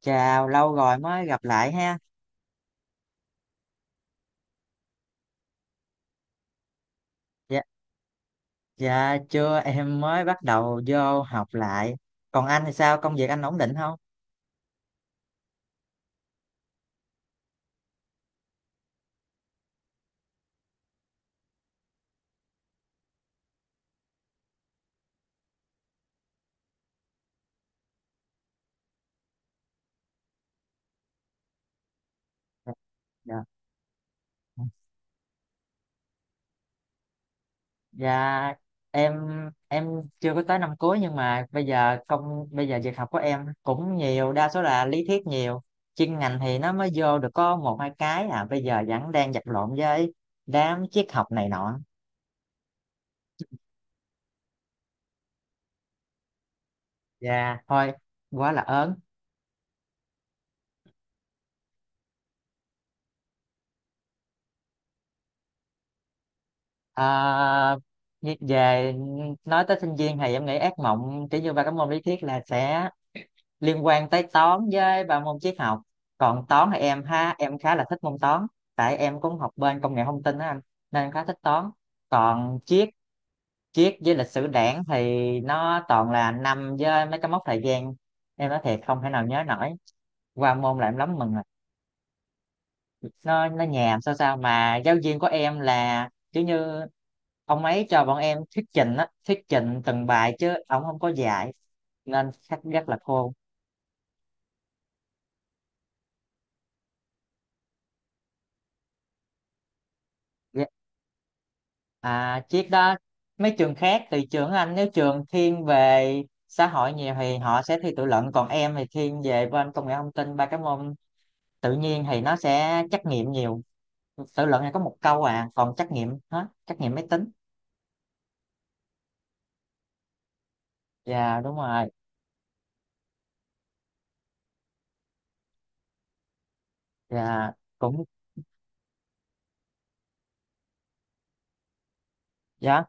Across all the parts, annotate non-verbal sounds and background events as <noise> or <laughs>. Chào, lâu rồi mới gặp lại ha. Dạ, dạ chưa, em mới bắt đầu vô học lại. Còn anh thì sao, công việc anh ổn định không? Dạ, dạ. Dạ, em em chưa có tới năm cuối nhưng mà bây giờ việc học của em cũng nhiều, đa số là lý thuyết nhiều. Chuyên ngành thì nó mới vô được có một hai cái bây giờ vẫn đang vật lộn với đám triết học này nọ. Dạ, thôi, quá là ớn. À, Về nói tới sinh viên thì em nghĩ ác mộng kiểu như ba cái môn lý thuyết là sẽ liên quan tới toán với ba môn triết học. Còn toán thì em ha em khá là thích môn toán tại em cũng học bên công nghệ thông tin á anh, nên em khá thích toán. Còn triết triết với lịch sử đảng thì nó toàn là năm với mấy cái mốc thời gian, em nói thiệt không thể nào nhớ nổi, qua môn là em lắm mừng. Nó nhàm sao sao mà giáo viên của em là kiểu như ông ấy cho bọn em thuyết trình á, thuyết trình từng bài chứ ông không có dạy, nên sách rất là khô. Dạ. À chiếc đó, mấy trường khác thì trường anh, nếu trường thiên về xã hội nhiều thì họ sẽ thi tự luận, còn em thì thiên về bên công nghệ thông tin ba cái môn tự nhiên thì nó sẽ trắc nghiệm nhiều. Tự luận này có một câu à, còn trắc nghiệm hết, trắc nghiệm máy tính. Dạ đúng rồi. Dạ cũng dạ.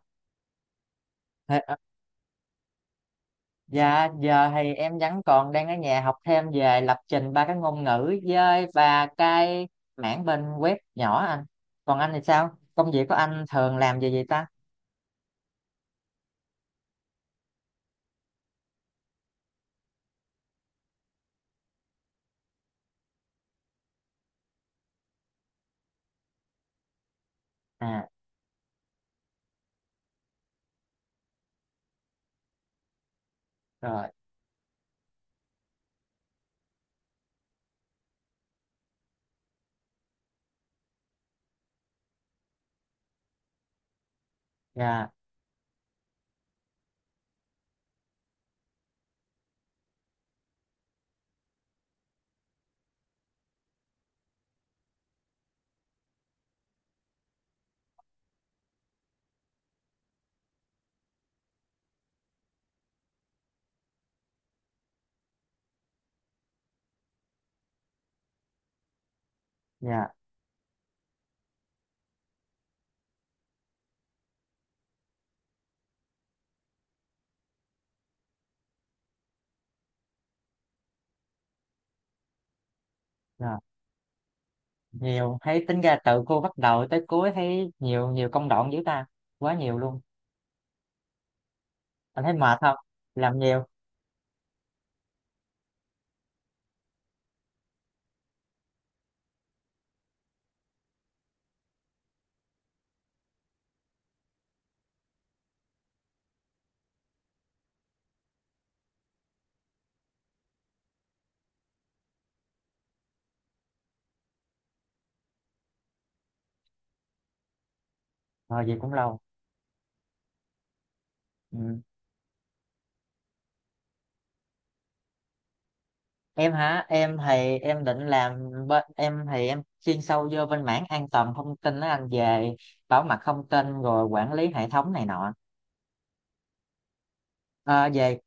Dạ, giờ thì em vẫn còn đang ở nhà học thêm về lập trình ba cái ngôn ngữ với và cái mảng bên web nhỏ anh. Còn anh thì sao? Công việc của anh thường làm về gì ta? À, rồi, dạ, dạ, dạ. Nhiều, thấy tính ra từ cô bắt đầu tới cuối thấy nhiều nhiều công đoạn dữ ta. Quá nhiều luôn. Anh thấy mệt không? Làm nhiều, rồi gì cũng lâu. Ừ. Em hả, em thì em định làm bên, em thì em chuyên sâu vô bên mảng an toàn thông tin đó anh, về bảo mật thông tin rồi quản lý hệ thống này nọ. Ờ, về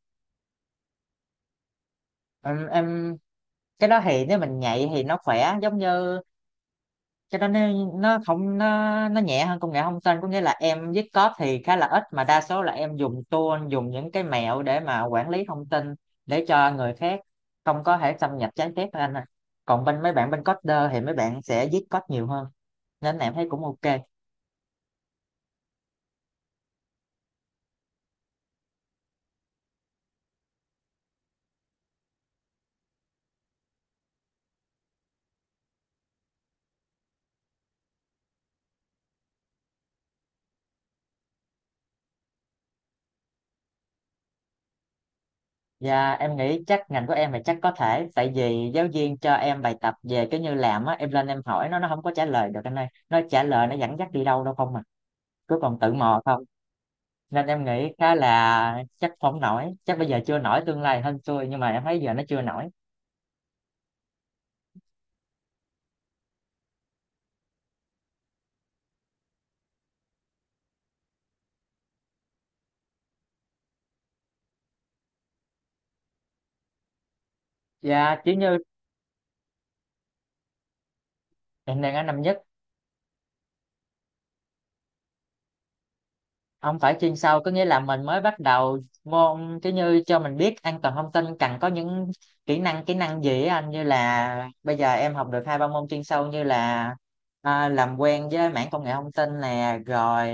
em cái đó thì nếu mình nhạy thì nó khỏe, giống như cái đó nó không nó nhẹ hơn công nghệ thông tin, có nghĩa là em viết code thì khá là ít mà đa số là em dùng tool, dùng những cái mẹo để mà quản lý thông tin để cho người khác không có thể xâm nhập trái phép anh ạ. Còn bên mấy bạn bên coder thì mấy bạn sẽ viết code nhiều hơn, nên em thấy cũng ok. Và em nghĩ chắc ngành của em thì chắc có thể, tại vì giáo viên cho em bài tập về cái như làm á, em lên em hỏi nó không có trả lời được anh ơi, nó trả lời nó dẫn dắt đi đâu đâu không, mà cứ còn tự mò thôi, nên em nghĩ khá là chắc không nổi, chắc bây giờ chưa nổi, tương lai hơn xui nhưng mà em thấy giờ nó chưa nổi. Dạ chứ như hiện đang ở năm nhất. Ông phải chuyên sâu có nghĩa là mình mới bắt đầu môn, chứ như cho mình biết an toàn thông tin cần có những kỹ năng gì á anh, như là bây giờ em học được hai ba môn chuyên sâu như là làm quen với mảng công nghệ thông tin nè, rồi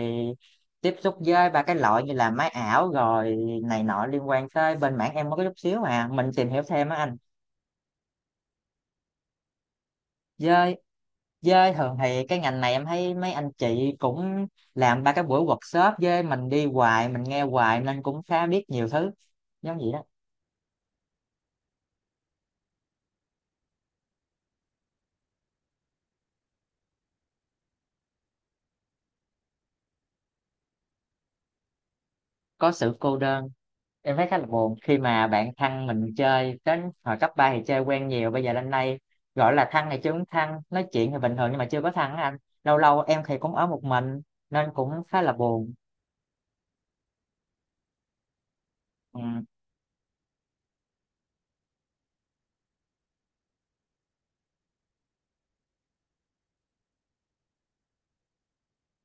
tiếp xúc với ba cái loại như là máy ảo rồi này nọ liên quan tới bên mảng em, mới có chút xíu mà mình tìm hiểu thêm á anh. Với với thường thì cái ngành này em thấy mấy anh chị cũng làm ba cái buổi workshop với mình, đi hoài mình nghe hoài nên cũng khá biết nhiều thứ giống vậy đó. Có sự cô đơn, em thấy khá là buồn khi mà bạn thân mình chơi đến hồi cấp 3 thì chơi quen nhiều, bây giờ lên đây gọi là thân thì chứ không thân, nói chuyện thì bình thường nhưng mà chưa có thân á anh. Lâu lâu em thì cũng ở một mình nên cũng khá là buồn. Ừ.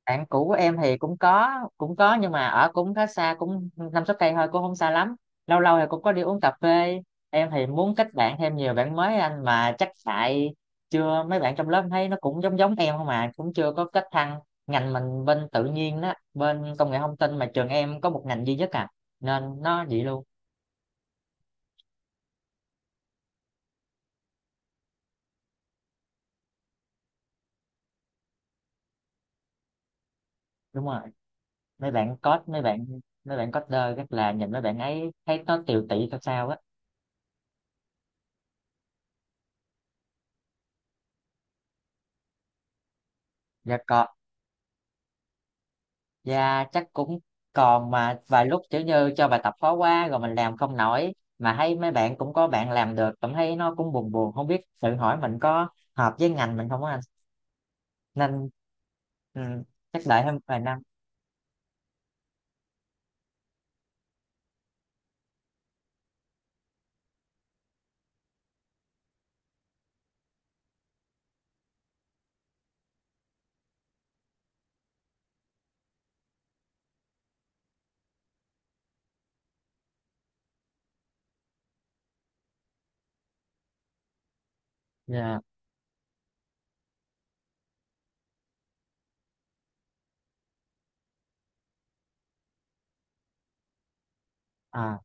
Bạn cũ của em thì cũng có, cũng có nhưng mà ở cũng khá xa, cũng năm sáu cây thôi cũng không xa lắm. Lâu lâu thì cũng có đi uống cà phê. Em thì muốn kết bạn thêm nhiều bạn mới anh, mà chắc tại chưa, mấy bạn trong lớp em thấy nó cũng giống giống em không mà cũng chưa có kết thăng. Ngành mình bên tự nhiên đó, bên công nghệ thông tin mà trường em có một ngành duy nhất à, nên nó vậy luôn. Đúng rồi, mấy bạn code, mấy bạn coder rất là, nhìn mấy bạn ấy thấy nó tiều tị sao sao á. Dạ còn. Dạ chắc cũng còn, mà vài lúc kiểu như cho bài tập khó quá rồi mình làm không nổi, mà thấy mấy bạn cũng có bạn làm được, cảm thấy nó cũng buồn buồn, không biết tự hỏi mình có hợp với ngành mình không á anh. Nên ừ, chắc đợi thêm vài năm. Dạ à,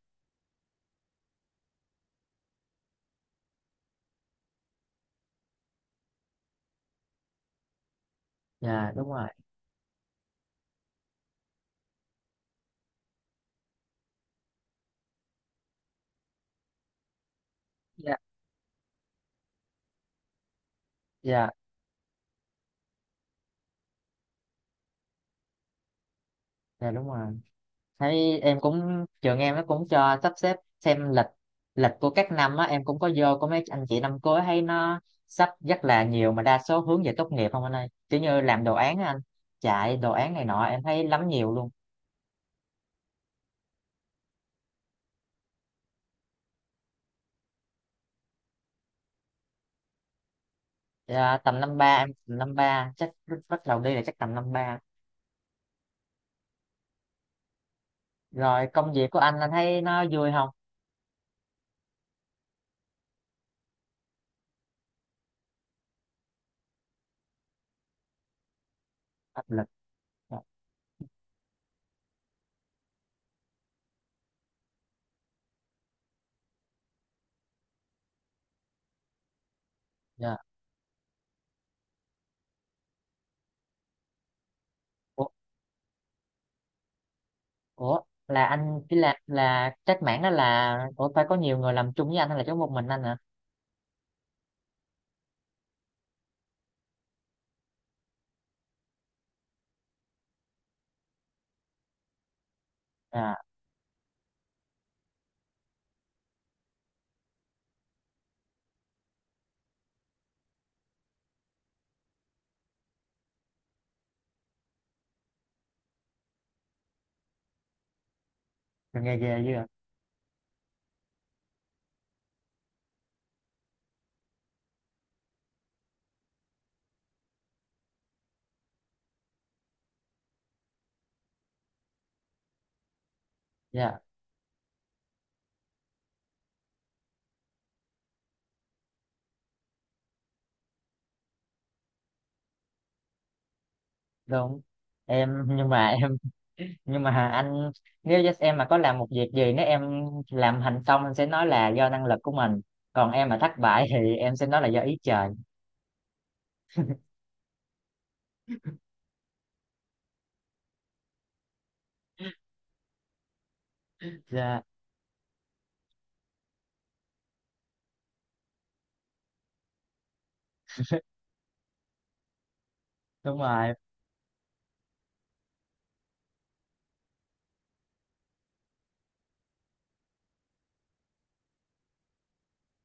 dạ đúng rồi. Dạ, dạ, dạ đúng rồi. Thấy em cũng, trường em nó cũng cho sắp xếp xem lịch, lịch của các năm á, em cũng có vô có mấy anh chị năm cuối thấy nó sắp rất là nhiều mà đa số hướng về tốt nghiệp không anh ơi, kiểu như làm đồ án á anh, chạy đồ án này nọ em thấy lắm nhiều luôn. À, tầm năm ba, em tầm năm ba chắc bắt đầu đi là chắc tầm năm ba. Rồi công việc của anh thấy nó vui không? Áp lực dạ. Ủa, ủa là anh chỉ là trách mảng đó, là ủa phải có nhiều người làm chung với anh hay là chỉ có một mình anh hả? À, nghề ghê dữ à. Dạ đúng. em nhưng mà em nhưng mà anh, nếu just em mà có làm một việc gì, nếu em làm thành công em sẽ nói là do năng lực của mình, còn em mà thất bại thì em sẽ nói là do ý trời. <laughs> Dạ đúng rồi.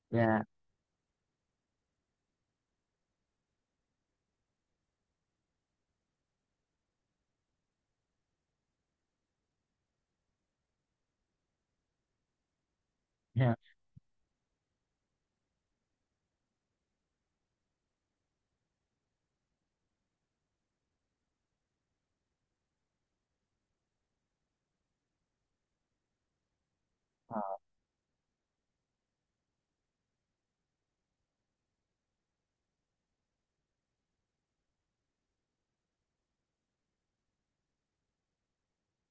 Dạ, dạ. Ờ,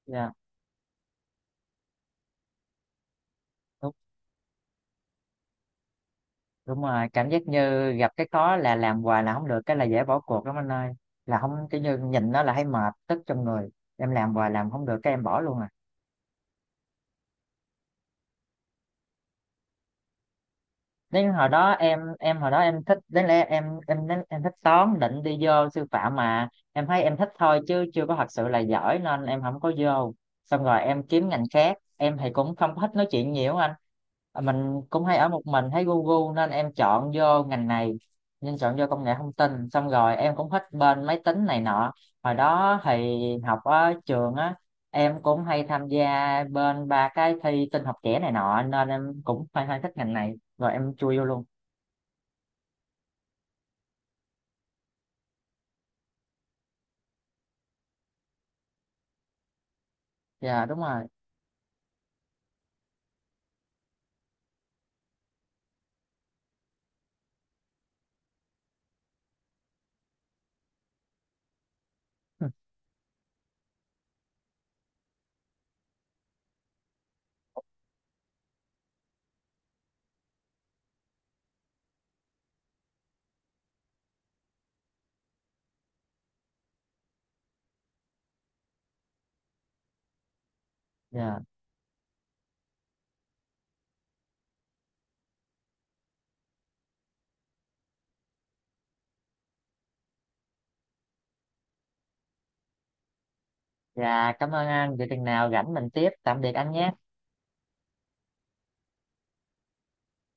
dạ đúng, đúng rồi, cảm giác như gặp cái khó là làm hoài là không được cái là dễ bỏ cuộc lắm anh ơi, là không, cái như nhìn nó là thấy mệt tức trong người, em làm hoài làm không được cái em bỏ luôn à. Đến hồi đó em hồi đó em thích, đến lẽ em đến em thích toán, định đi vô sư phạm mà em thấy em thích thôi chứ chưa có thật sự là giỏi nên em không có vô. Xong rồi em kiếm ngành khác, em thì cũng không có thích nói chuyện nhiều á anh. À, mình cũng hay ở một mình thấy Google, nên em chọn vô ngành này, nên chọn vô công nghệ thông tin. Xong rồi em cũng thích bên máy tính này nọ, hồi đó thì học ở trường á, em cũng hay tham gia bên ba cái thi tin học trẻ này nọ nên em cũng hay hay thích ngành này rồi em chui vô luôn. Dạ đúng rồi. <laughs> Dạ, dạ cảm ơn anh, vậy chừng nào rảnh mình tiếp, tạm biệt anh nhé.